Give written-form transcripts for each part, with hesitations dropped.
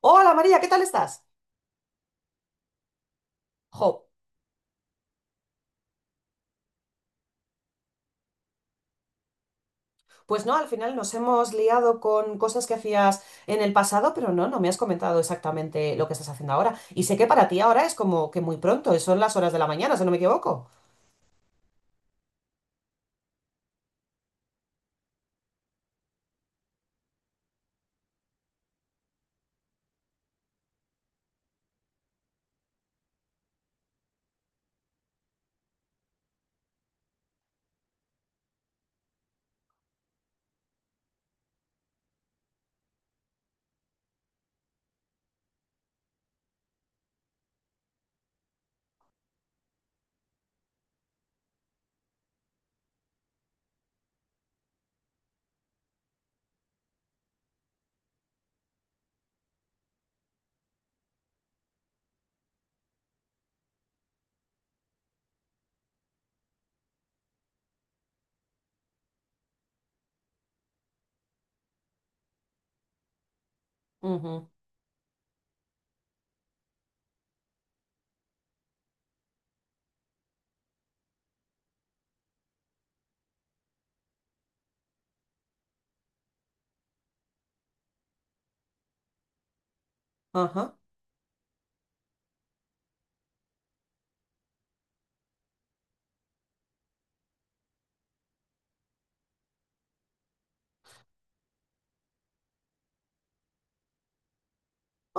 Hola María, ¿qué tal estás? Jo, pues no, al final nos hemos liado con cosas que hacías en el pasado, pero no, no me has comentado exactamente lo que estás haciendo ahora. Y sé que para ti ahora es como que muy pronto, son las horas de la mañana, si no me equivoco. Ujú. Ajá.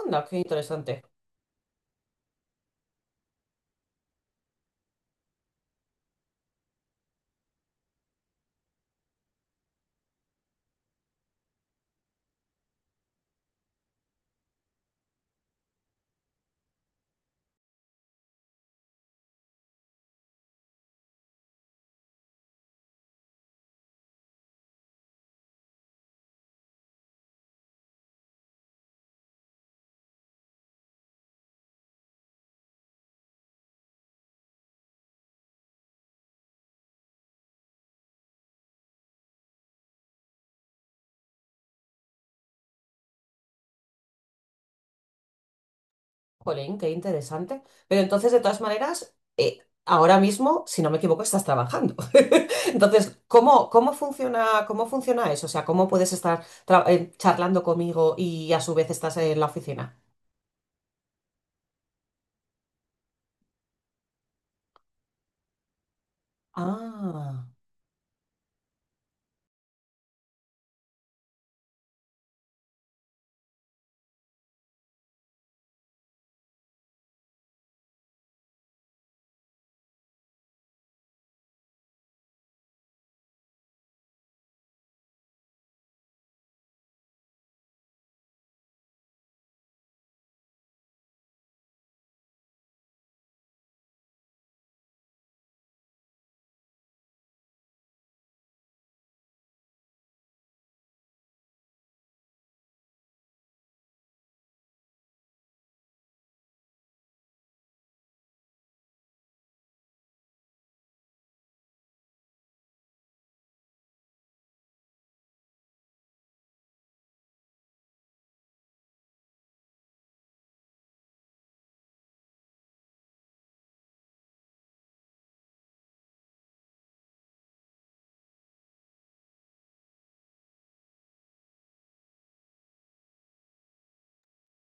Anda, qué interesante. Jolín, qué interesante. Pero entonces, de todas maneras, ahora mismo, si no me equivoco, estás trabajando. Entonces, ¿cómo, cómo funciona eso? O sea, ¿cómo puedes estar charlando conmigo y a su vez estás en la oficina? Ah,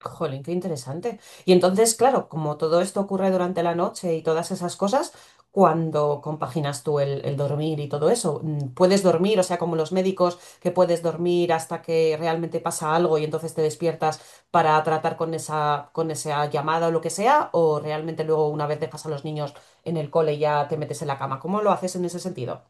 jolín, qué interesante. Y entonces, claro, como todo esto ocurre durante la noche y todas esas cosas, ¿cuando compaginas tú el dormir y todo eso? Mm, ¿puedes dormir, o sea, como los médicos, que puedes dormir hasta que realmente pasa algo y entonces te despiertas para tratar con esa llamada o lo que sea? ¿O realmente luego una vez dejas a los niños en el cole ya te metes en la cama? ¿Cómo lo haces en ese sentido?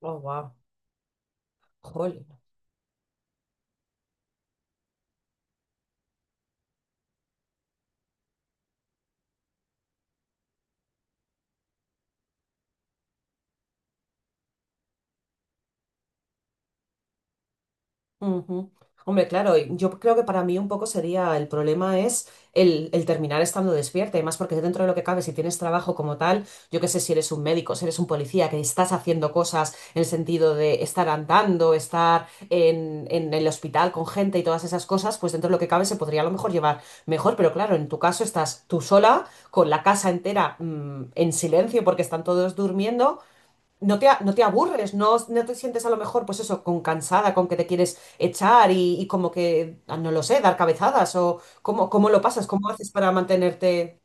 Oh, wow. Ujú. Hombre, claro, y yo creo que para mí un poco sería el problema es el terminar estando despierta, y más porque dentro de lo que cabe, si tienes trabajo como tal, yo qué sé, si eres un médico, si eres un policía, que estás haciendo cosas en el sentido de estar andando, estar en el hospital con gente y todas esas cosas, pues dentro de lo que cabe se podría a lo mejor llevar mejor, pero claro, en tu caso estás tú sola, con la casa entera, mm, en silencio porque están todos durmiendo, no te aburres, no, no te sientes a lo mejor, pues eso, con cansada, con que te quieres echar y como que, ah, no lo sé, dar cabezadas o cómo, cómo lo pasas, cómo haces para mantenerte.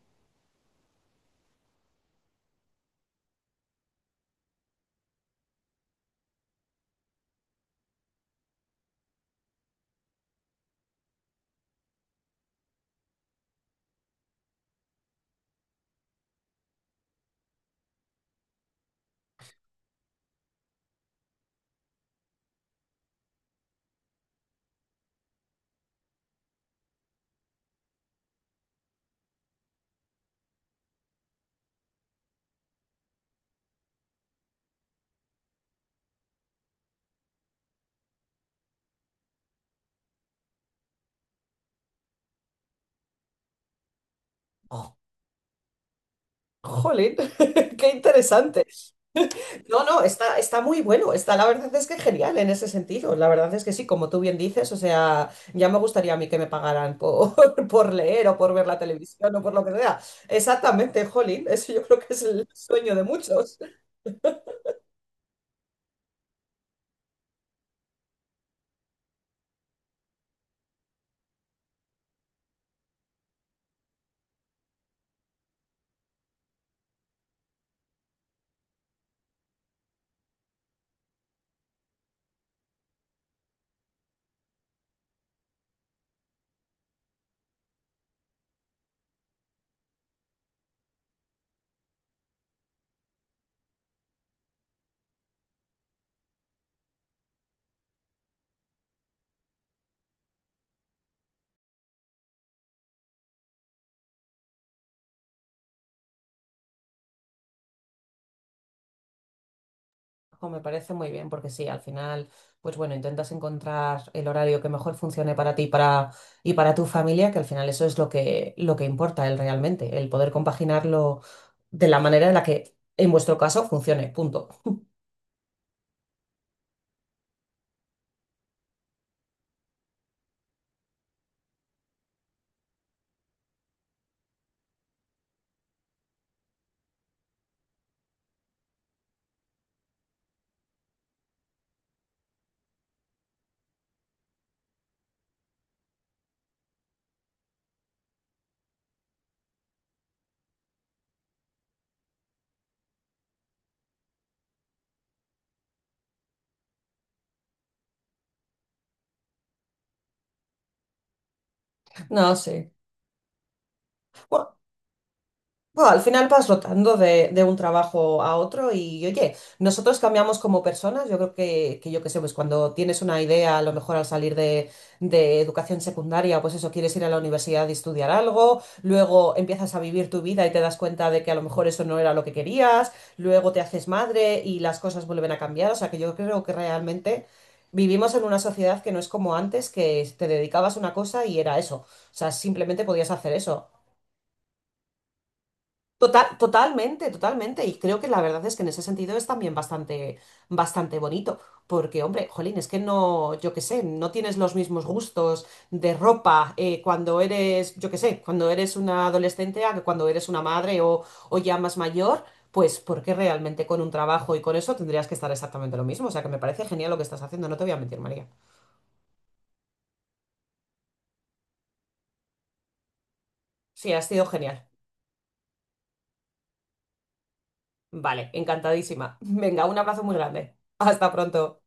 Oh, jolín, qué interesante. No, no, está, está muy bueno, está la verdad es que genial en ese sentido. La verdad es que sí, como tú bien dices, o sea, ya me gustaría a mí que me pagaran por, por leer o por ver la televisión o por lo que sea. Exactamente, jolín, eso yo creo que es el sueño de muchos. Ojo, me parece muy bien porque sí, al final, pues bueno, intentas encontrar el horario que mejor funcione para ti y para tu familia, que al final eso es lo que importa el realmente, el poder compaginarlo de la manera en la que en vuestro caso funcione, punto. No, sí. Bueno, al final vas rotando de un trabajo a otro y oye, nosotros cambiamos como personas, yo creo que yo qué sé, pues cuando tienes una idea, a lo mejor al salir de educación secundaria, pues eso, quieres ir a la universidad y estudiar algo, luego empiezas a vivir tu vida y te das cuenta de que a lo mejor eso no era lo que querías, luego te haces madre y las cosas vuelven a cambiar, o sea que yo creo que realmente vivimos en una sociedad que no es como antes, que te dedicabas a una cosa y era eso, o sea, simplemente podías hacer eso. Total, totalmente, totalmente. Y creo que la verdad es que en ese sentido es también bastante, bastante bonito. Porque, hombre, jolín, es que no, yo qué sé, no tienes los mismos gustos de ropa cuando eres, yo qué sé, cuando eres una adolescente a que cuando eres una madre o ya más mayor, pues porque realmente con un trabajo y con eso tendrías que estar exactamente lo mismo. O sea que me parece genial lo que estás haciendo, no te voy a mentir, María. Sí, ha sido genial. Vale, encantadísima. Venga, un abrazo muy grande. Hasta pronto.